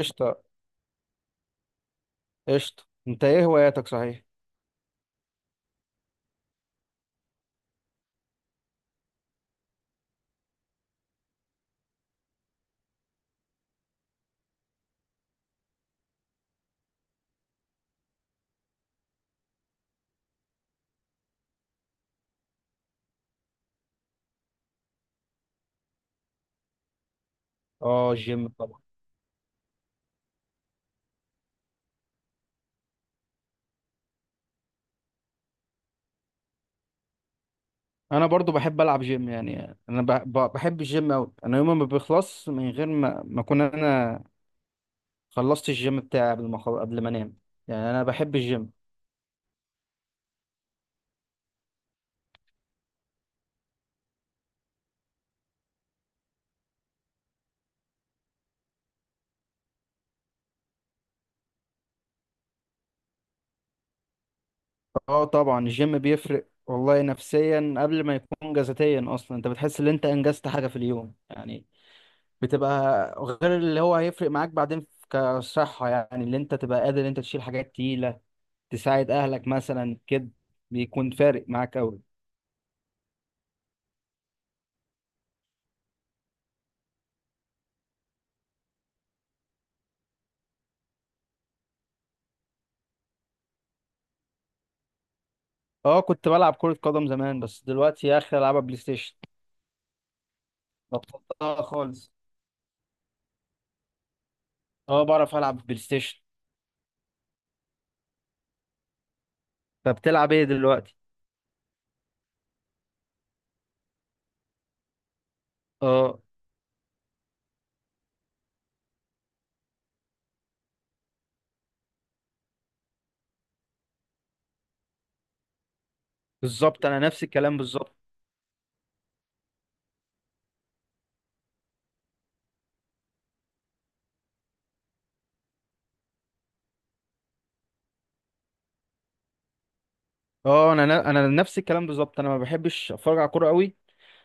قشطة قشطة. انت ايه هواياتك؟ صحيح، اه الجيم طبعا. انا برضو بحب العب جيم، يعني انا بحب الجيم اوي. انا يوم ما بيخلص من غير ما اكون انا خلصت الجيم بتاعي قبل ما قبل ما انام، يعني انا بحب الجيم. اه طبعا الجيم بيفرق والله، نفسيا قبل ما يكون جسديا اصلا. انت بتحس ان انت انجزت حاجة في اليوم يعني، بتبقى غير. اللي هو هيفرق معاك بعدين كصحة، يعني اللي انت تبقى قادر انت تشيل حاجات تقيلة، تساعد اهلك مثلا كده، بيكون فارق معاك قوي. اه كنت بلعب كرة قدم زمان، بس دلوقتي يا اخي العبها بلاي ستيشن، بطلتها خالص. اه بعرف العب بلاي ستيشن. طب بتلعب ايه دلوقتي؟ اه بالظبط، انا نفس الكلام بالظبط. اه انا نفس الكلام بالظبط. انا ما بحبش اتفرج على كوره قوي،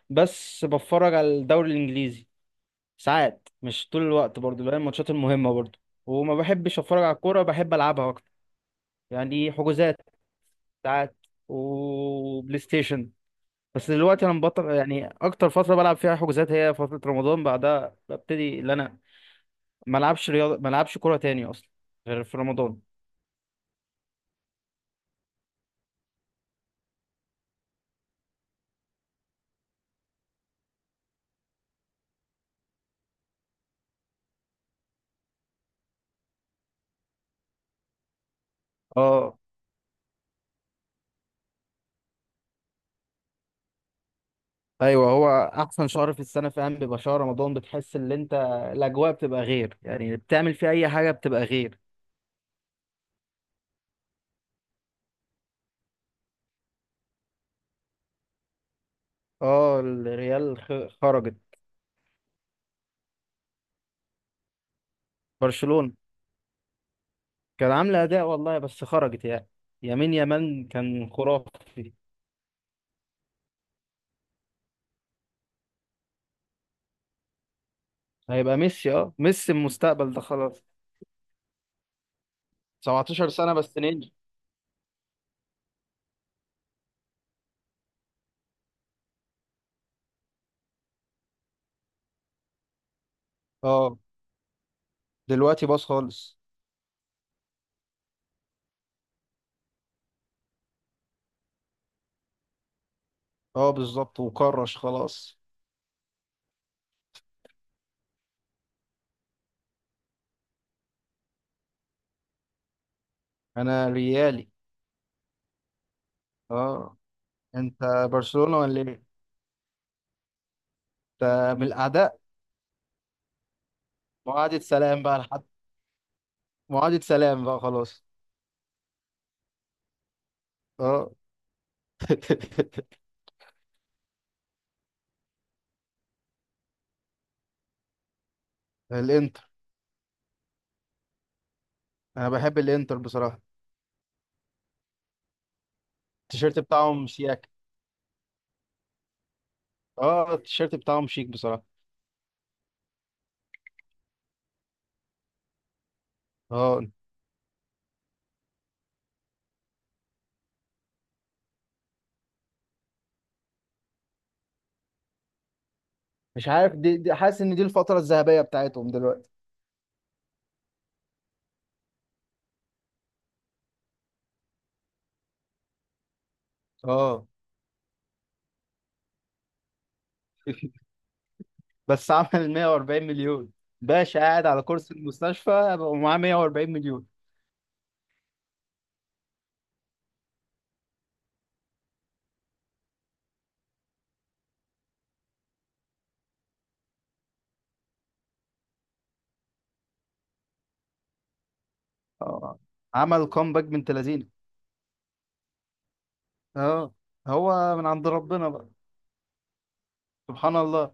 بس بتفرج على الدوري الانجليزي ساعات، مش طول الوقت، برضو اللي هي الماتشات المهمه برضو. وما بحبش اتفرج على الكوره، بحب العبها اكتر. يعني إيه، حجوزات ساعات، وبلاي ستيشن. بس دلوقتي انا مبطل، يعني اكتر فتره بلعب فيها حجوزات هي فتره رمضان، بعدها ببتدي ان انا ما العبش رياضه، ما العبش كوره تاني اصلا غير في رمضان. اه ايوه، هو احسن شهر في السنه فعلا بيبقى شهر رمضان. بتحس ان انت الاجواء بتبقى غير، يعني بتعمل فيه اي حاجه بتبقى غير. اه الريال خرجت. برشلونه كان عامله اداء والله، بس خرجت يعني. يمين يمان كان خرافي. هيبقى ميسي، اه ميسي المستقبل ده خلاص. 17 سنه بس نينجا. اه دلوقتي باص خالص. اه بالظبط، وكرش خلاص. انا ريالي. اه، انت برشلونة ولا ايه؟ انت من الاعداء. معاهدة سلام بقى لحد، معاهدة سلام بقى خلاص. اه الانتر. انا بحب الانتر بصراحة. التيشيرت بتاعهم شياك. اه التيشيرت بتاعهم شيك بصراحة. اه مش عارف، دي حاسس ان دي الفترة الذهبية بتاعتهم دلوقتي. اه بس عمل 140 مليون، باشا قاعد على كرسي المستشفى ومعاه 140 مليون. اه عمل كومباك بنت لذينه. اه هو من عند ربنا بقى. سبحان الله.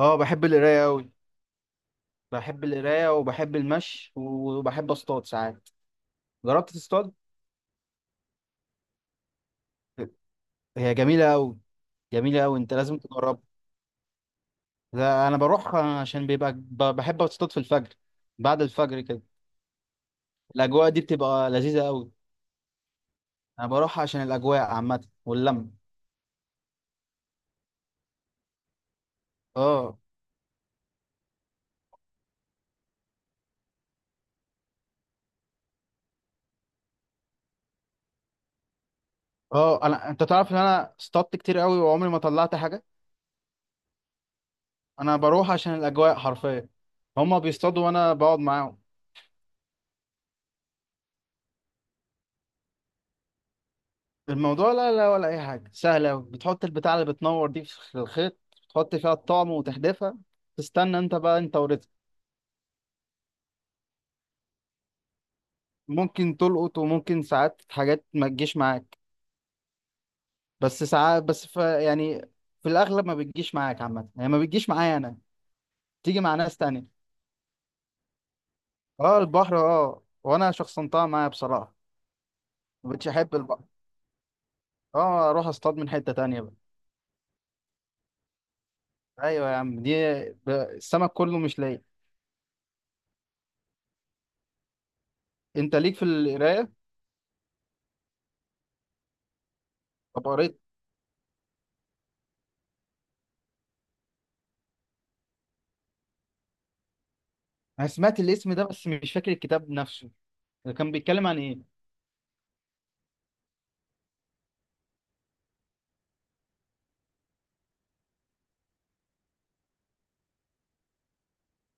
اه بحب القرايه قوي. بحب القرايه، وبحب المشي، وبحب اصطاد ساعات. جربت تصطاد؟ هي جميله قوي، جميله قوي، انت لازم تجربها. لا انا بروح عشان بيبقى بحب اصطاد في الفجر، بعد الفجر كده. الاجواء دي بتبقى لذيذه قوي. انا بروح عشان الاجواء عامه واللمه. اه، اه انا، انت تعرف ان انا اصطادت كتير قوي وعمري ما طلعت حاجه. انا بروح عشان الاجواء حرفيا. هما بيصطادوا وانا بقعد معاهم. الموضوع لا لا ولا اي حاجه، سهله أوي. بتحط البتاع اللي بتنور دي في الخيط، تحط فيها الطعم وتحدفها، تستنى انت بقى انت ورزقك. ممكن تلقط وممكن ساعات حاجات ما تجيش معاك، بس ساعات بس ف يعني في الاغلب ما بتجيش معاك عامه، يعني ما بتجيش معايا انا، تيجي مع ناس تانية. اه البحر، اه وانا شخصنتها معايا بصراحه. ما بقتش احب البحر. اه اروح اصطاد من حته تانية بقى. ايوه يا عم، السمك كله مش ليا. انت ليك في القرايه؟ طب قريت؟ انا سمعت الاسم ده بس مش فاكر الكتاب نفسه. ده كان بيتكلم عن ايه؟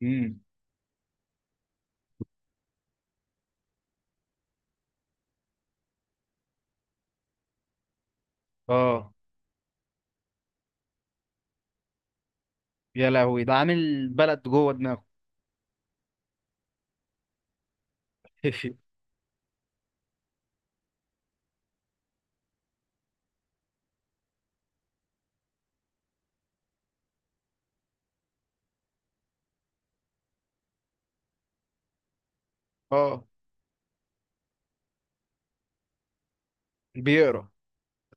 امم، اه يا لهوي، ده عامل بلد جوه دماغه. اه بيقرا.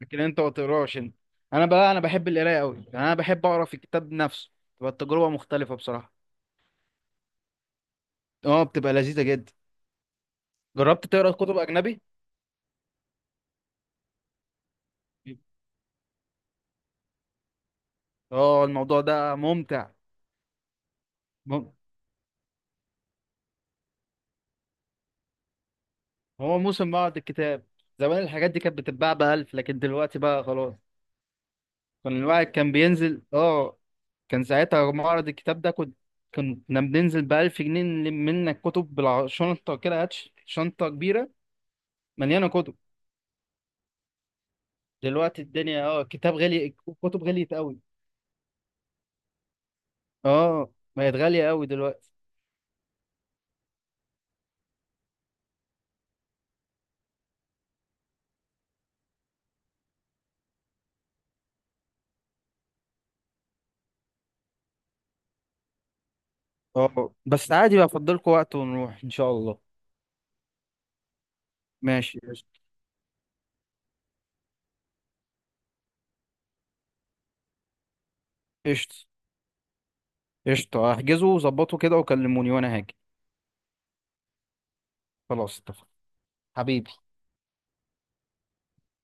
لكن انت ما تقراش انت؟ انا بقى انا بحب القرايه قوي، يعني انا بحب اقرا في الكتاب نفسه، تبقى التجربه مختلفه بصراحه. اه بتبقى لذيذه جدا. جربت تقرا كتب اجنبي؟ اه الموضوع ده ممتع. مم... هو موسم بعض الكتاب. زمان الحاجات دي كانت بتتباع بألف، لكن دلوقتي بقى خلاص. كان الواحد كان بينزل، اه كان ساعتها معرض الكتاب ده، كنت، كنا بننزل بألف جنيه نلم منك كتب بالشنطة كده، هات شنطة كبيرة مليانة كتب. دلوقتي الدنيا اه، كتاب غالي، كتب غليت قوي. اه بقت غالية قوي دلوقتي. اه بس عادي بقى، أفضلكوا وقت ونروح إن شاء الله. ماشي قشطة. قشطة قشطة. احجزوا وظبطوا كده وكلموني وأنا هاجي. خلاص اتفقنا. حبيبي.